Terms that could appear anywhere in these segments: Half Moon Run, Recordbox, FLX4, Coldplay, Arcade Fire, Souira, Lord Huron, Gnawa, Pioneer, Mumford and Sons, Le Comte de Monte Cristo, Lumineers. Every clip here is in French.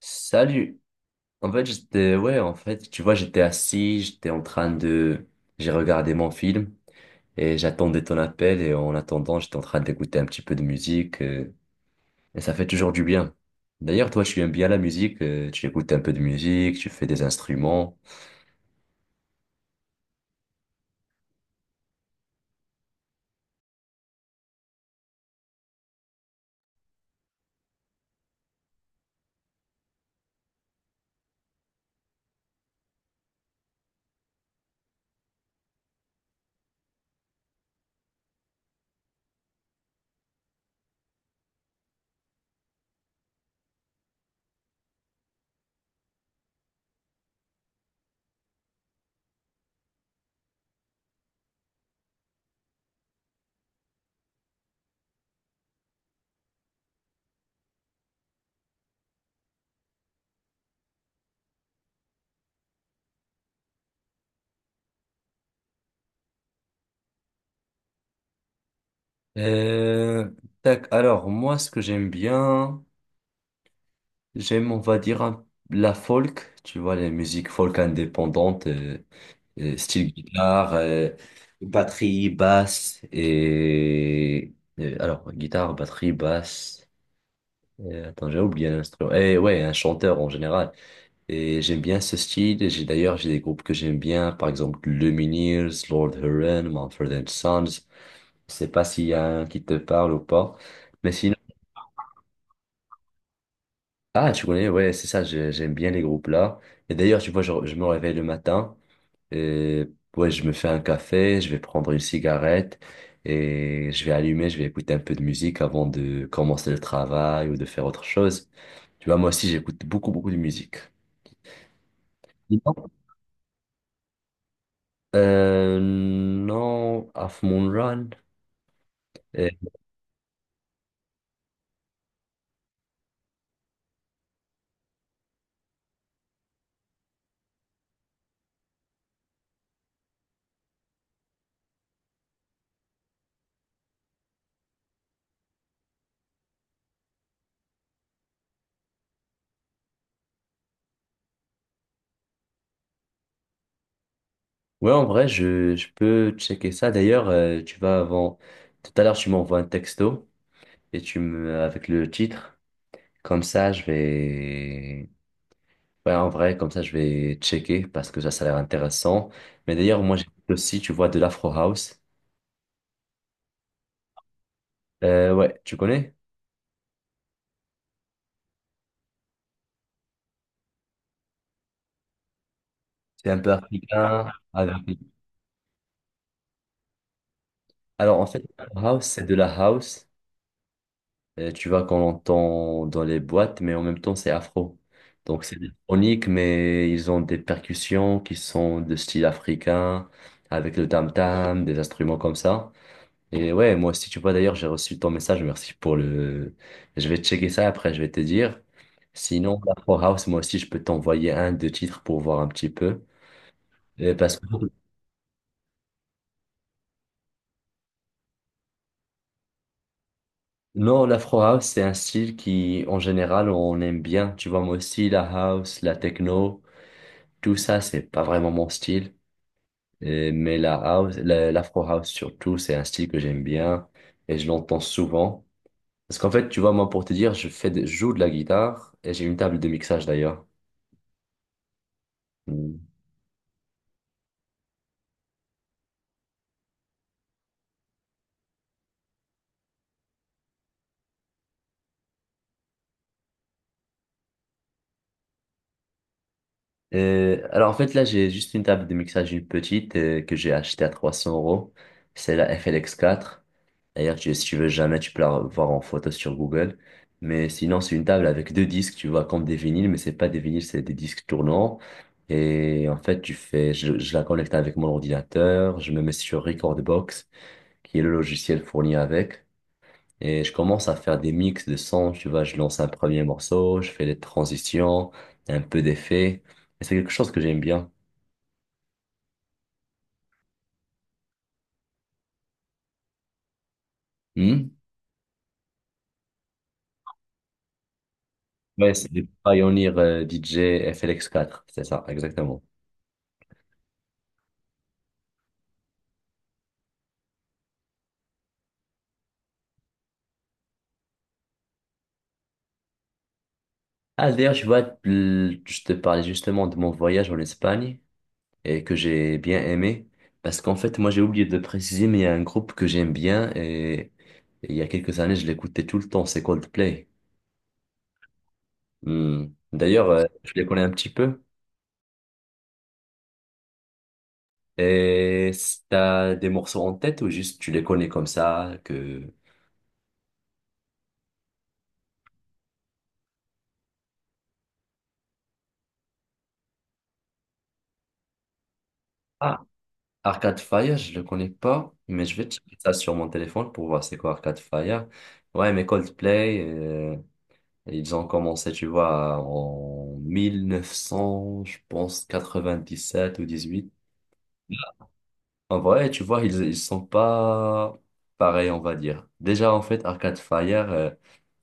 Salut. En fait, j'étais, ouais, en fait, tu vois, j'étais assis, j'étais en train de, j'ai regardé mon film et j'attendais ton appel et en attendant, j'étais en train d'écouter un petit peu de musique et ça fait toujours du bien. D'ailleurs, toi, tu aimes bien la musique, tu écoutes un peu de musique, tu fais des instruments. Euh, Tac. Alors, moi, ce que j'aime bien, j'aime, on va dire, la folk, tu vois, les musiques folk indépendantes. Style guitare, batterie, basse et alors guitare, batterie, basse. Attends, j'ai oublié un instrument. Et ouais, un chanteur en général. Et j'aime bien ce style. J'ai d'ailleurs j'ai des groupes que j'aime bien, par exemple Lumineers, Lord Huron, Mumford and Sons. Je sais pas s'il y a un qui te parle ou pas. Mais sinon, ah tu connais, ouais, c'est ça. J'aime bien les groupes là. Et d'ailleurs, tu vois, je me réveille le matin. Euh, ouais, je me fais un café, je vais prendre une cigarette et je vais allumer, je vais écouter un peu de musique avant de commencer le travail ou de faire autre chose. Tu vois, moi aussi, j'écoute beaucoup, beaucoup de musique. Dis-moi. Non, Half Moon Run. Euh, ouais, en vrai, je peux checker ça. D'ailleurs, tu vas avant. Tout à l'heure, tu m'envoies un texto et tu me avec le titre. Comme ça, je vais Ouais, en vrai, comme ça, je vais checker parce que ça a l'air intéressant. Mais d'ailleurs, moi, j'écoute aussi, tu vois, de l'Afro House. Ouais, tu connais? C'est un peu africain. Alors, en fait, l'Afro House, c'est de la house, tu vois, qu'on entend dans les boîtes, mais en même temps, c'est afro. Donc, c'est électronique, mais ils ont des percussions qui sont de style africain, avec le tam-tam, des instruments comme ça. Et ouais, moi aussi, tu vois, d'ailleurs, j'ai reçu ton message. Merci pour le. Je vais checker ça après, je vais te dire. Sinon, l'Afro House, moi aussi, je peux t'envoyer un, deux titres pour voir un petit peu. Parce que non, l'Afro House, c'est un style qui, en général, on aime bien. Tu vois, moi aussi, la house, la techno, tout ça, c'est pas vraiment mon style. Mais la house, l'Afro House surtout, c'est un style que j'aime bien et je l'entends souvent. Parce qu'en fait, tu vois, moi, pour te dire, je joue de la guitare et j'ai une table de mixage d'ailleurs. Hmm. Alors en fait là j'ai juste une table de mixage une petite que j'ai achetée à 300 euros. C'est la FLX4. D'ailleurs si tu veux jamais tu peux la voir en photo sur Google. Mais sinon c'est une table avec deux disques tu vois comme des vinyles mais c'est pas des vinyles c'est des disques tournants. Et en fait tu fais je la connecte avec mon ordinateur. Je me mets sur Recordbox qui est le logiciel fourni avec. Et je commence à faire des mix de sons. Tu vois je lance un premier morceau je fais des transitions un peu d'effets. C'est quelque chose que j'aime bien. Hmm. Ouais, c'est le Pioneer DJ FLX4 c'est ça, exactement. Ah, d'ailleurs, je vois, je te parlais justement de mon voyage en Espagne et que j'ai bien aimé. Parce qu'en fait, moi, j'ai oublié de préciser, mais il y a un groupe que j'aime bien et il y a quelques années, je l'écoutais tout le temps, c'est Coldplay. Hmm. D'ailleurs, je les connais un petit peu. Et t'as des morceaux en tête ou juste tu les connais comme ça que... Arcade Fire, je le connais pas, mais je vais checker ça sur mon téléphone pour voir c'est quoi Arcade Fire. Ouais, mais Coldplay, ils ont commencé, tu vois, en 1900, je pense, 97 ou 18. En vrai, tu vois, ils sont pas pareils, on va dire. Déjà, en fait, Arcade Fire,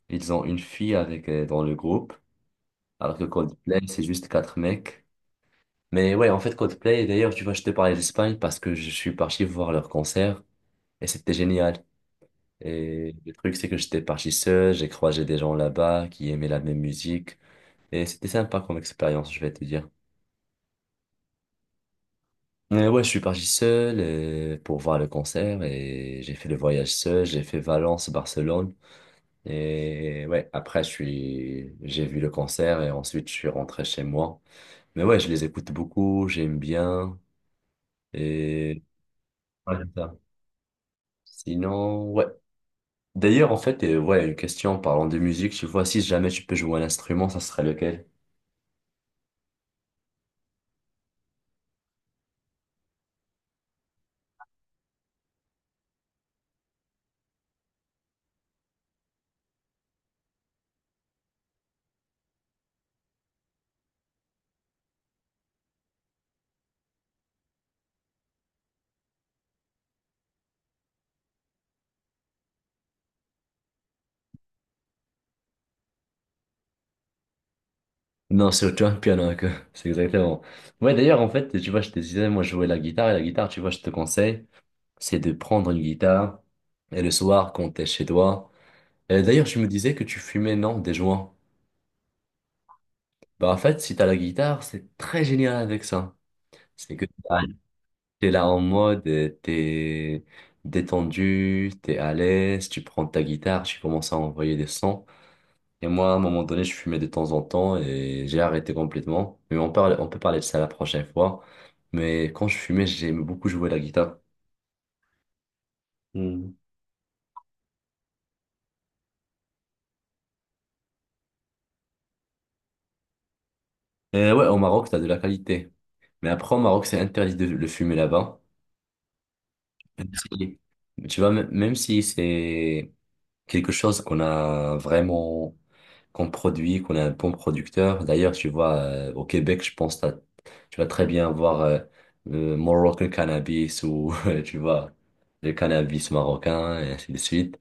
ils ont une fille avec, dans le groupe, alors que Coldplay, c'est juste quatre mecs. Mais ouais, en fait, Coldplay, d'ailleurs, tu vois, je te parlais d'Espagne parce que je suis parti voir leur concert et c'était génial. Et le truc, c'est que j'étais parti seul, j'ai croisé des gens là-bas qui aimaient la même musique. Et c'était sympa comme expérience, je vais te dire. Mais ouais, je suis parti seul pour voir le concert et j'ai fait le voyage seul, j'ai fait Valence, Barcelone. Et ouais, après, j'ai vu le concert et ensuite, je suis rentré chez moi. Mais ouais, je les écoute beaucoup, j'aime bien. Et ouais, c'est ça. Sinon, ouais. D'ailleurs, en fait, ouais, une question en parlant de musique, tu vois, si jamais tu peux jouer un instrument, ça serait lequel? Non, c'est tu vois, le piano, que c'est exactement. Ouais, d'ailleurs, en fait, tu vois, je te disais, moi, je jouais la guitare, et la guitare, tu vois, je te conseille, c'est de prendre une guitare, et le soir, quand t'es chez toi. Et d'ailleurs, je me disais que tu fumais, non, des joints. Bah, en fait, si t'as la guitare, c'est très génial avec ça. C'est que t'es là en mode, t'es détendu, t'es à l'aise, tu prends ta guitare, tu commences à envoyer des sons. Et moi, à un moment donné, je fumais de temps en temps et j'ai arrêté complètement. Mais on parle, on peut parler de ça la prochaine fois. Mais quand je fumais, j'aimais beaucoup jouer la guitare. Hmm. Et ouais, au Maroc, t'as de la qualité. Mais après, au Maroc, c'est interdit de le fumer là-bas. Même si- Tu vois, même si c'est quelque chose qu'on a vraiment, qu'on produit, qu'on est un bon producteur. D'ailleurs, tu vois, au Québec, je pense que tu vas très bien voir le Moroccan cannabis ou, tu vois, le cannabis marocain et ainsi de suite.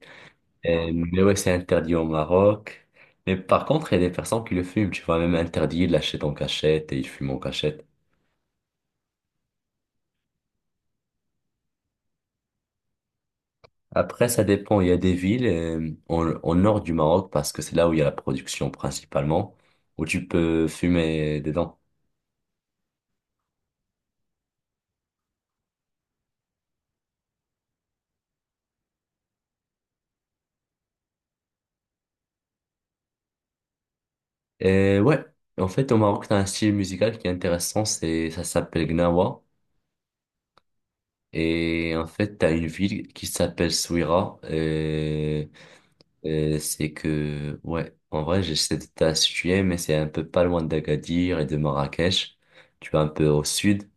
Mais ouais, c'est interdit au Maroc. Mais par contre, il y a des personnes qui le fument. Tu vois, même interdit, ils l'achètent en cachette et ils fument en cachette. Après, ça dépend. Il y a des villes au, nord du Maroc parce que c'est là où il y a la production principalement, où tu peux fumer dedans. Ouais, en fait, au Maroc, t'as un style musical qui est intéressant, c'est, ça s'appelle Gnawa. Et en fait, t'as une ville qui s'appelle Souira. C'est que, ouais, en vrai, j'essaie de te la situer, mais c'est un peu pas loin d'Agadir et de Marrakech. Tu vas un peu au sud.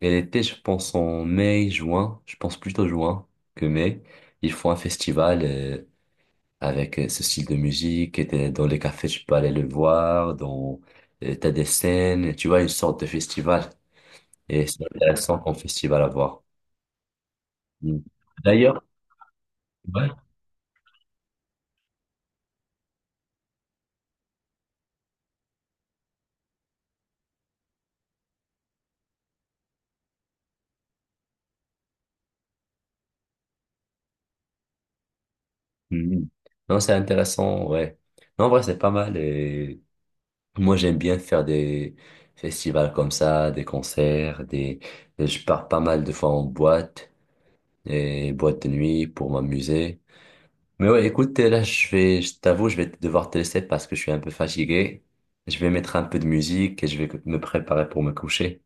Et l'été, je pense en mai, juin, je pense plutôt juin que mai, ils font un festival. Avec ce style de musique. Et dans les cafés, tu peux aller le voir. T'as des scènes, tu vois, une sorte de festival. Et c'est intéressant comme festival à voir. Mm. D'ailleurs, ouais. Mm. Non, c'est intéressant, ouais. Non, en vrai, c'est pas mal. Et moi, j'aime bien faire des festivals comme ça, des concerts, des... Je pars pas mal de fois en boîte, et boîte de nuit pour m'amuser. Mais ouais, écoute, là, je t'avoue, je vais devoir te laisser parce que je suis un peu fatigué. Je vais mettre un peu de musique et je vais me préparer pour me coucher.